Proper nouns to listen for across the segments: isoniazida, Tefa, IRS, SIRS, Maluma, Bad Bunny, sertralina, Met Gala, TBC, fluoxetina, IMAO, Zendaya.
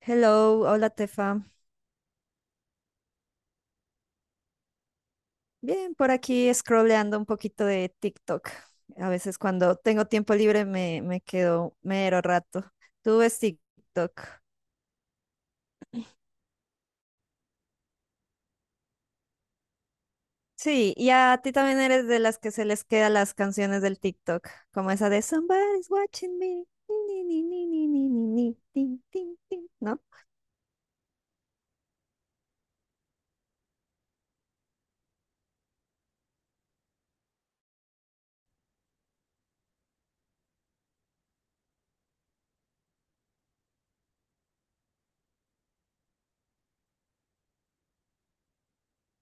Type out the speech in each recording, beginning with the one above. Hello, hola Tefa. Bien, por aquí scrolleando un poquito de TikTok. A veces cuando tengo tiempo libre me quedo mero rato. ¿Tú ves TikTok? Sí, y a ti también eres de las que se les quedan las canciones del TikTok, como esa de "Somebody's watching me. Ni, ni, ni, ni, ni, ni, ni, tin, tin, tin", ¿no?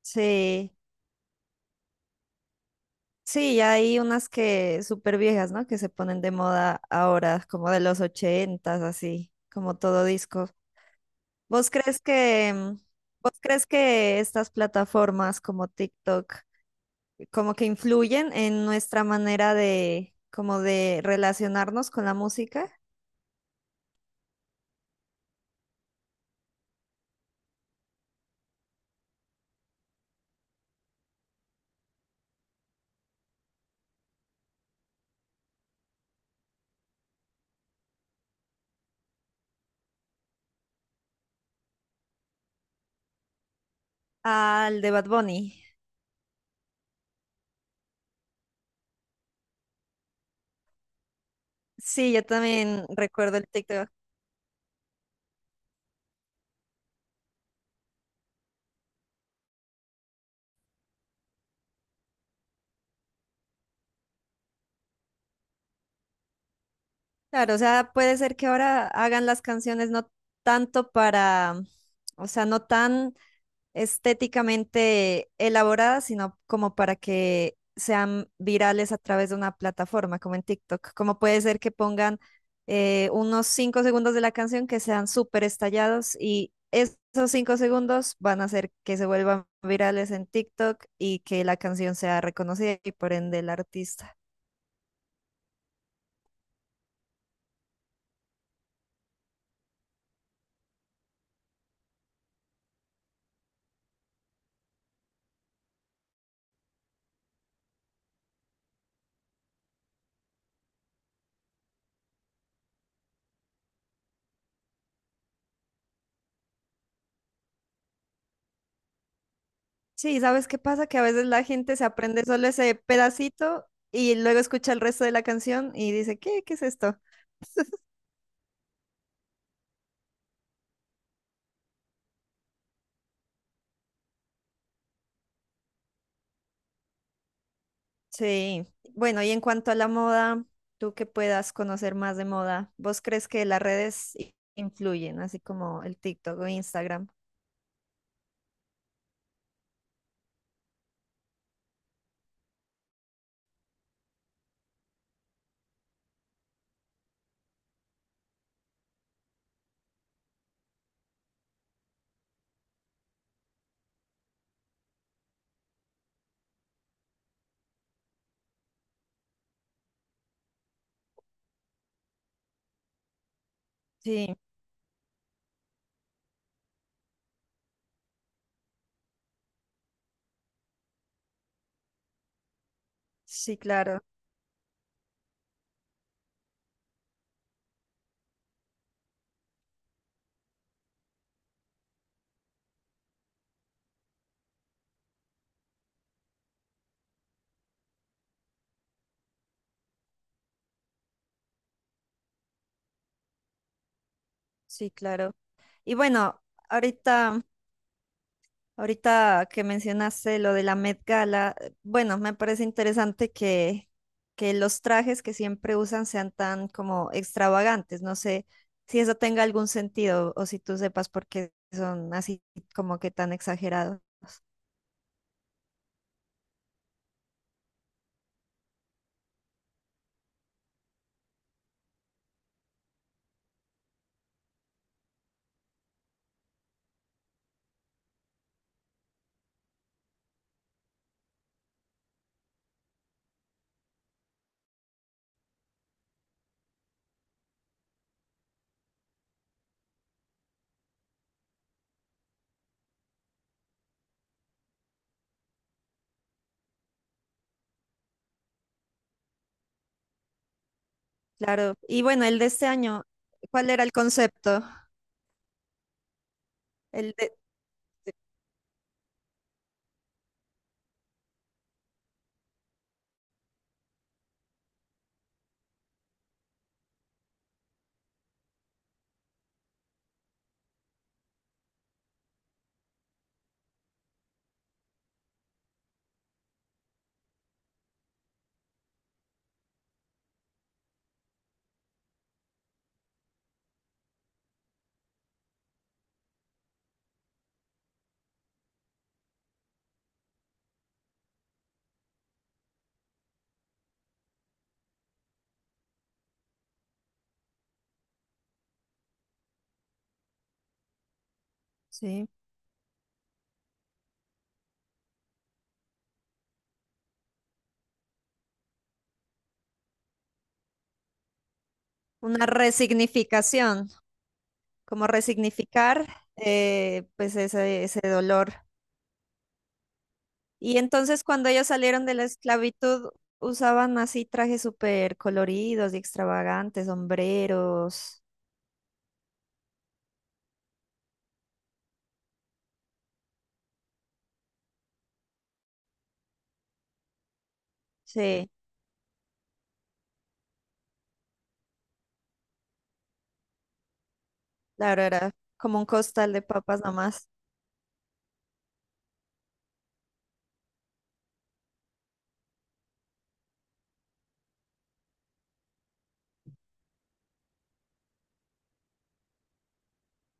Sí, sí, y hay unas que súper viejas, ¿no? Que se ponen de moda ahora, como de los ochentas, así, como todo disco. ¿Vos crees que, vos crees que estas plataformas como TikTok como que influyen en nuestra manera de como de relacionarnos con la música? Al de Bad Bunny. Sí, yo también recuerdo el TikTok. Claro, o sea, puede ser que ahora hagan las canciones no tanto para, o sea, no tan estéticamente elaboradas, sino como para que sean virales a través de una plataforma, como en TikTok. Como puede ser que pongan unos 5 segundos de la canción que sean súper estallados y esos 5 segundos van a hacer que se vuelvan virales en TikTok y que la canción sea reconocida y por ende el artista. Sí, ¿sabes qué pasa? Que a veces la gente se aprende solo ese pedacito y luego escucha el resto de la canción y dice, ¿qué? ¿Qué es esto? Sí, bueno, y en cuanto a la moda, tú que puedas conocer más de moda, ¿vos crees que las redes influyen, así como el TikTok o Instagram? Sí, sí, claro, sí, claro. Y bueno, ahorita, ahorita que mencionaste lo de la Met Gala, bueno, me parece interesante que los trajes que siempre usan sean tan como extravagantes. No sé si eso tenga algún sentido o si tú sepas por qué son así como que tan exagerados. Claro. Y bueno, el de este año, ¿cuál era el concepto? El de, sí, una resignificación, como resignificar pues ese dolor. Y entonces cuando ellos salieron de la esclavitud, usaban así trajes súper coloridos y extravagantes, sombreros. Sí, claro, era como un costal de papas nomás.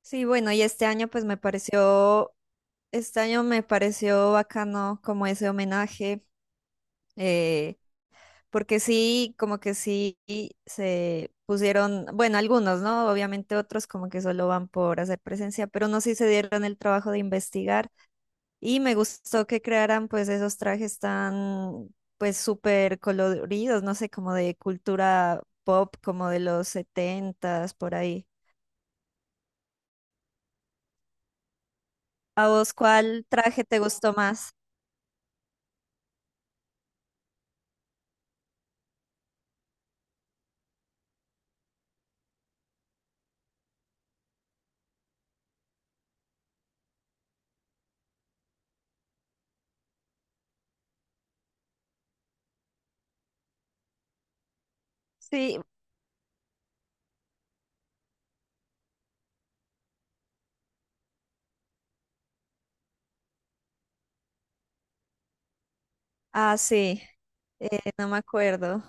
Sí, bueno, y este año pues me pareció, este año me pareció bacano como ese homenaje. eh, Porque sí, como que sí se pusieron, bueno, algunos, ¿no? Obviamente otros como que solo van por hacer presencia, pero no sí se dieron el trabajo de investigar. Y me gustó que crearan pues esos trajes tan pues súper coloridos, no sé, como de cultura pop, como de los setentas, por ahí. ¿A vos cuál traje te gustó más? Sí, ah, sí, no me acuerdo.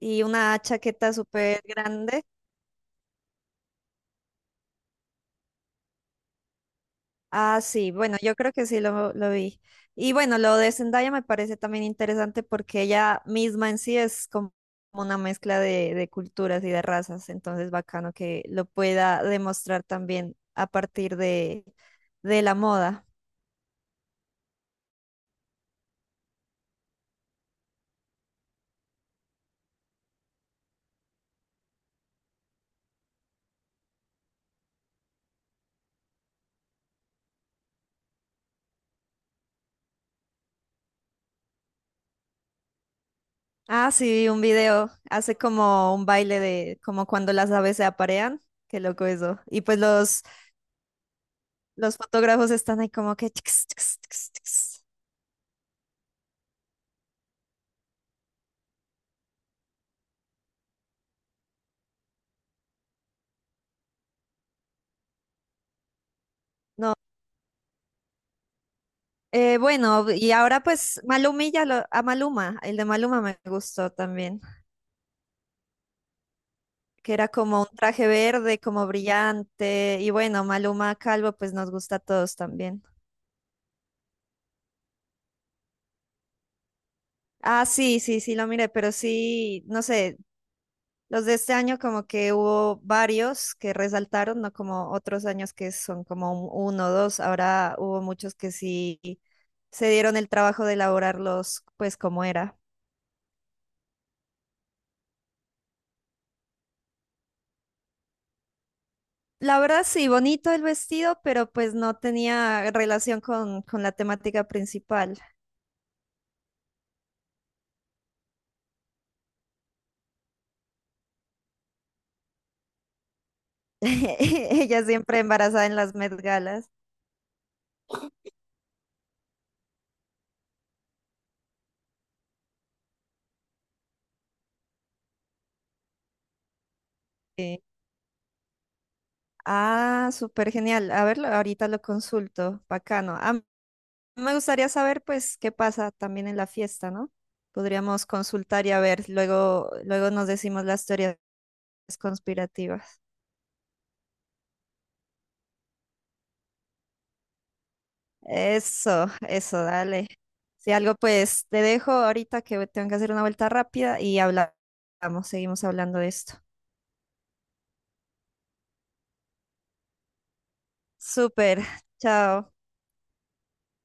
Y una chaqueta súper grande. Ah, sí, bueno, yo creo que sí lo vi. Y bueno, lo de Zendaya me parece también interesante porque ella misma en sí es como una mezcla de culturas y de razas, entonces bacano que lo pueda demostrar también a partir de la moda. Ah, sí, vi un video, hace como un baile de como cuando las aves se aparean, qué loco eso. Y pues los fotógrafos están ahí como que... tx, tx, tx, tx. Bueno, y ahora pues Malumilla, a Maluma, el de Maluma me gustó también, que era como un traje verde, como brillante, y bueno, Maluma calvo pues nos gusta a todos también. Ah, sí, sí, sí, lo miré, pero sí, no sé, los de este año como que hubo varios que resaltaron, no como otros años que son como uno o dos, ahora hubo muchos que sí se dieron el trabajo de elaborarlos pues como era. La verdad sí, bonito el vestido, pero pues no tenía relación con la temática principal. Ella siempre embarazada en las Met Galas. Sí. Ah, súper genial. A verlo, ahorita lo consulto. Bacano. Ah, me gustaría saber pues qué pasa también en la fiesta, ¿no? Podríamos consultar y a ver, luego, luego nos decimos las teorías conspirativas. Eso, dale. Si algo, pues te dejo ahorita que tengo que hacer una vuelta rápida y hablamos, seguimos hablando de esto. Súper, chao.